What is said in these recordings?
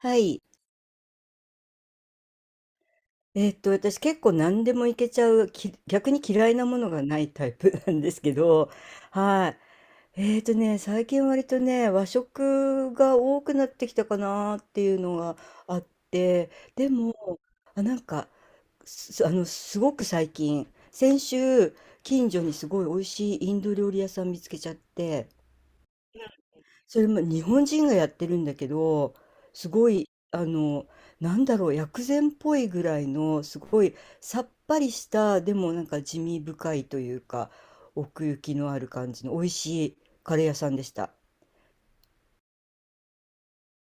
はい。私結構何でもいけちゃう、逆に嫌いなものがないタイプなん ですけど、はい。最近割とね、和食が多くなってきたかなっていうのがあって、でも、あ、なんか、す、あの、すごく最近、先週、近所にすごい美味しいインド料理屋さん見つけちゃって、それも日本人がやってるんだけど、すごい、なんだろう、薬膳っぽいぐらいの、すごいさっぱりした、でもなんか地味深いというか、奥行きのある感じの美味しいカレー屋さんでした。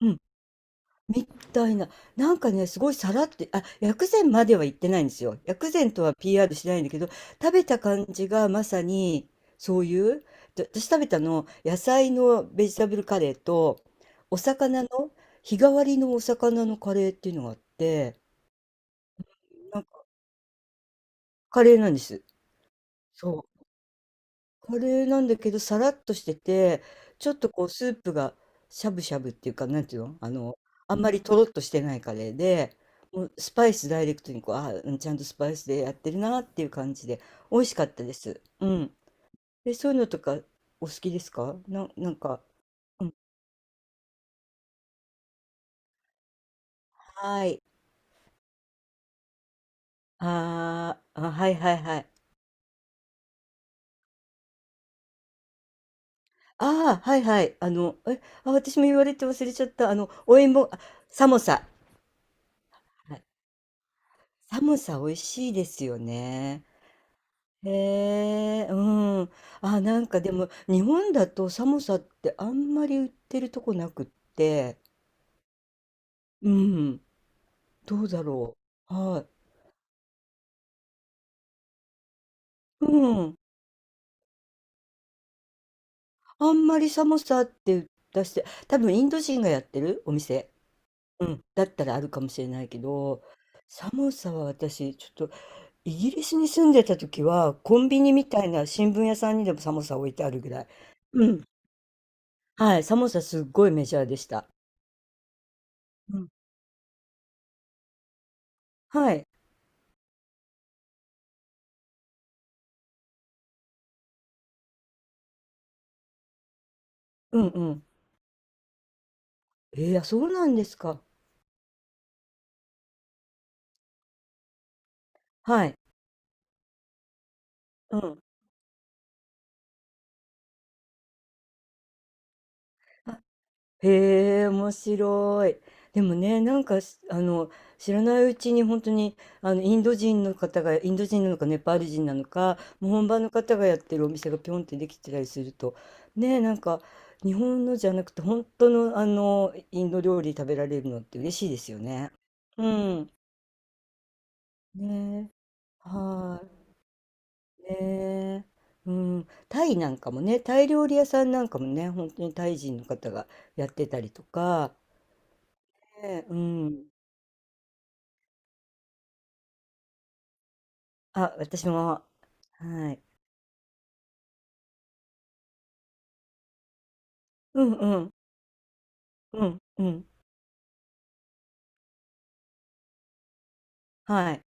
うん。みたいな。なんかね、すごいさらって、あ、薬膳までは言ってないんですよ。薬膳とは PR しないんだけど、食べた感じがまさにそういう、で私食べたの、野菜のベジタブルカレーと、お魚の、日替わりのお魚のカレーっていうのがあって、なんかカレーなんです。そう。カレーなんだけど、さらっとしてて、ちょっとこうスープがしゃぶしゃぶっていうか、なんていうの、あの、あんまりとろっとしてないカレーで、もうスパイスダイレクトにこう、あ、うんちゃんとスパイスでやってるなっていう感じで、美味しかったです。うん。え、そういうのとかお好きですかな、なんか、うん。はい。あーあ、はいはいはい。ああ、はいはい。私も言われて忘れちゃった。あの、お芋、あ、サモサ。はい、サモサ美味しいですよね。へえ、うん。あ、なんかでも、日本だと寒さってあんまり売ってるとこなくって、うん。どうだろう。はい。うん。あんまり寒さって出して、多分インド人がやってるお店。うん。だったらあるかもしれないけど、寒さは私、ちょっと、イギリスに住んでた時は、コンビニみたいな新聞屋さんにでも寒さ置いてあるぐらい。うん。はい。寒さすっごいメジャーでした。うん。はい。うんうん。えー、あ、そうなんですか。はい。うん。あ、へえ、面白い。でもね、なんかし、あの、知らないうちに本当に、あの、インド人の方が、インド人なのか、ネパール人なのか、もう本場の方がやってるお店がピョンってできてたりすると、ね、なんか、日本のじゃなくて、本当の、あの、インド料理食べられるのって嬉しいですよね。うん。ね、はーい。ねえ、うん、タイなんかもね、タイ料理屋さんなんかもね、本当にタイ人の方がやってたりとか、ねうん、あ、私も、はい、うんうんうんうんはい。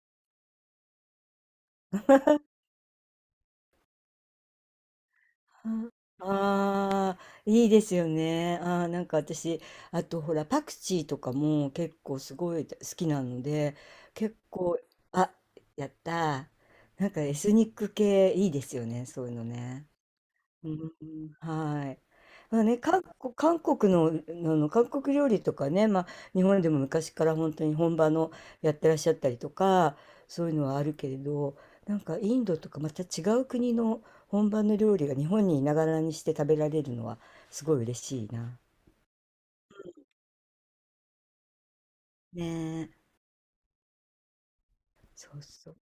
ああー、いいですよね。あー、なんか私、あとほら、パクチーとかも結構すごい好きなので、結構、あ、やったー。なんかエスニック系いいですよね、そういうのね。うん、はい。まあね、韓国の、あの、韓国料理とかね、まあ、日本でも昔から本当に本場のやってらっしゃったりとか、そういうのはあるけれど、なんかインドとかまた違う国の本場の料理が日本にいながらにして食べられるのはすごい嬉しいな。ねえ。そうそう。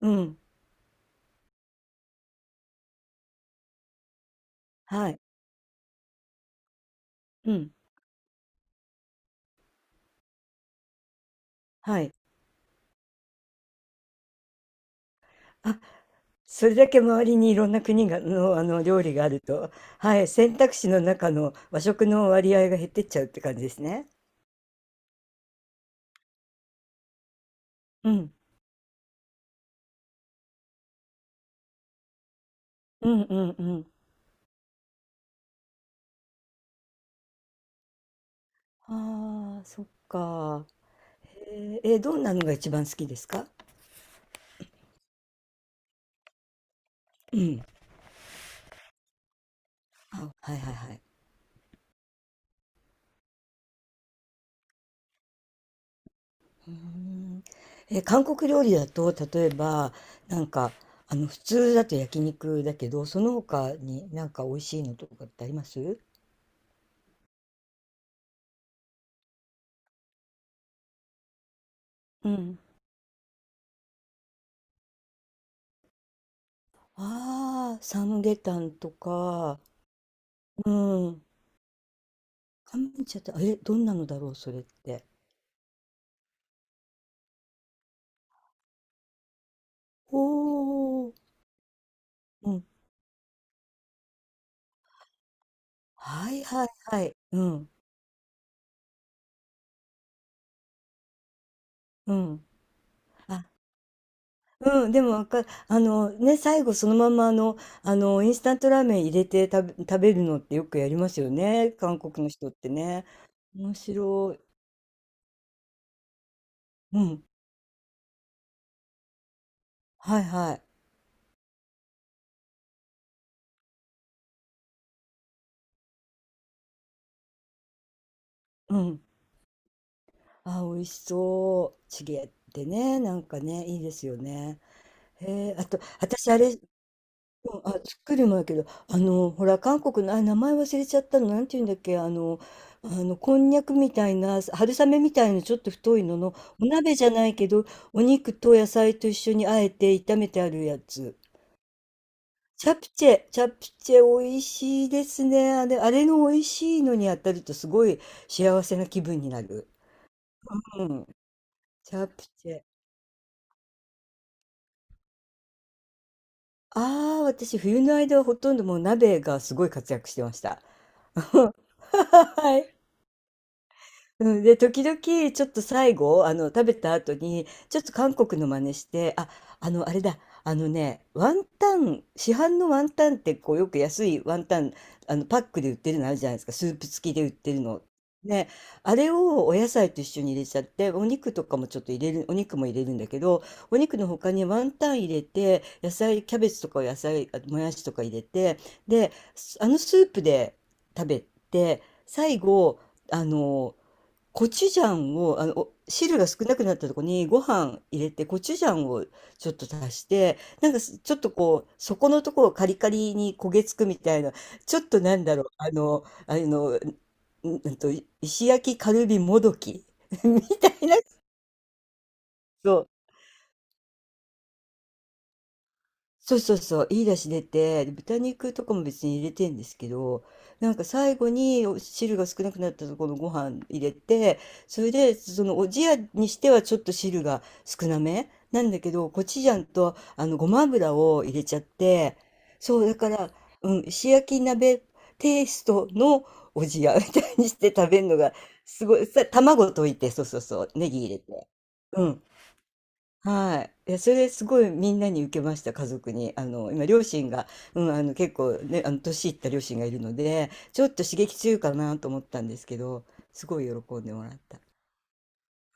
うん。はい。うん。はい。あ、それだけ周りにいろんな国がの、あの料理があると、はい、選択肢の中の和食の割合が減ってっちゃうって感じですね。うん。うんうんうん。ああ、そっか。へえ、え、どんなのが一番好きですか？うん。あ、はいはいはい。うーん。え、韓国料理だと、例えば、なんか、あの、普通だと焼肉だけど、その他になんか美味しいのとかってあります？うん。ああ、サムゲタンとか、うん。乾麺茶って、あえ、どんなのだろう、それって。おお、うん。はいはいはい。うん、うん。あ、うん、でもわかる。最後そのままあの、あの、インスタントラーメン入れて食べるのってよくやりますよね、韓国の人ってね。面白い。うん。はいはい。うん。あ、美味しそう。チゲってね、なんかね、いいですよね。へえ、あと、私あれうん、あ、作るもんやけど、あの、ほら、韓国の、あ、名前忘れちゃったの、なんていうんだっけ、あの、こんにゃくみたいな、春雨みたいな、ちょっと太いのの、お鍋じゃないけど、お肉と野菜と一緒にあえて炒めてあるやつ。チャプチェ、チャプチェ、美味しいですね。あれ、あれの美味しいのに当たると、すごい幸せな気分になる。うん、チャプチェ。ああ、私、冬の間はほとんどもう鍋がすごい活躍してました。はい。うん、で、時々、ちょっと最後、あの、食べた後に、ちょっと韓国の真似して、あ、あの、あれだ、あのね、ワンタン、市販のワンタンって、こう、よく安いワンタン、あの、パックで売ってるのあるじゃないですか、スープ付きで売ってるの。ね、あれをお野菜と一緒に入れちゃって、お肉とかもちょっと入れる、お肉も入れるんだけど、お肉の他にワンタン入れて、野菜、キャベツとか野菜、あともやしとか入れて、で、あのスープで食べて、最後、あの、コチュジャンを、あの、お汁が少なくなったとこにご飯入れて、コチュジャンをちょっと足して、なんかすちょっとこう、底のところをカリカリに焦げつくみたいな、ちょっとなんだろう、あの、あの、んんと、石焼きカルビもどき みたいな、そうそうそうそう、いい出汁出て、で豚肉とかも別に入れてんですけど、なんか最後にお汁が少なくなったところのご飯入れて、それで、そのおじやにしてはちょっと汁が少なめなんだけど、コチュジャンとあのごま油を入れちゃって、そう、だから、うん、石焼き鍋テイストのおじやみたいにして食べるのが、すごい、さ、卵溶いて、そうそうそう、ネギ入れて。うん。はい。いや、それすごいみんなに受けました、家族に。あの、今、両親が、うん、あの、結構ね、あの、年いった両親がいるので、ちょっと刺激強いかなと思ったんですけど、すごい喜んでもらった。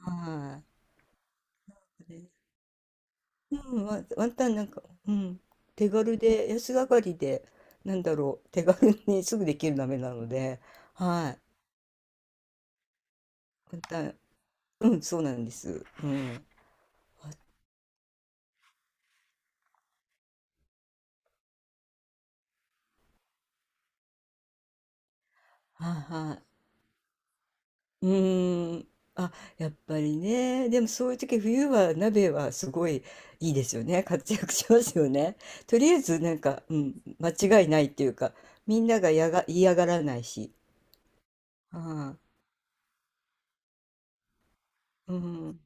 はい。でうん、ワンタンなんか、うん、手軽で、安上がりで、なんだろう、手軽にすぐできる鍋なので、はい。ワンタン、うん、そうなんです。うん。はいはい。うーん。あ、やっぱりね。でもそういう時、冬は鍋はすごいいいですよね。活躍しますよね。とりあえずなんか、うん、間違いないっていうか、みんながやが、嫌がらないし。はい、うん。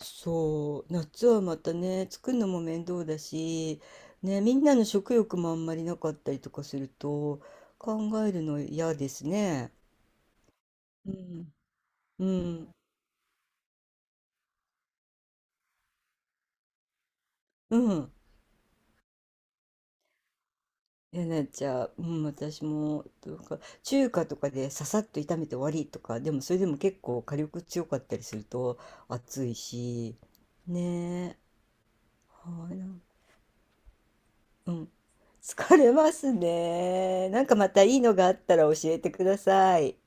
そう。夏はまたね、作るのも面倒だし、ね、みんなの食欲もあんまりなかったりとかすると、考えるの嫌ですね。うん。うん。うん。えなっちゃう、うん、私も、とか、中華とかでささっと炒めて終わりとか、でもそれでも結構火力強かったりすると暑いし、ねえ、はい、なんうん、疲れますね。なんかまたいいのがあったら教えてください。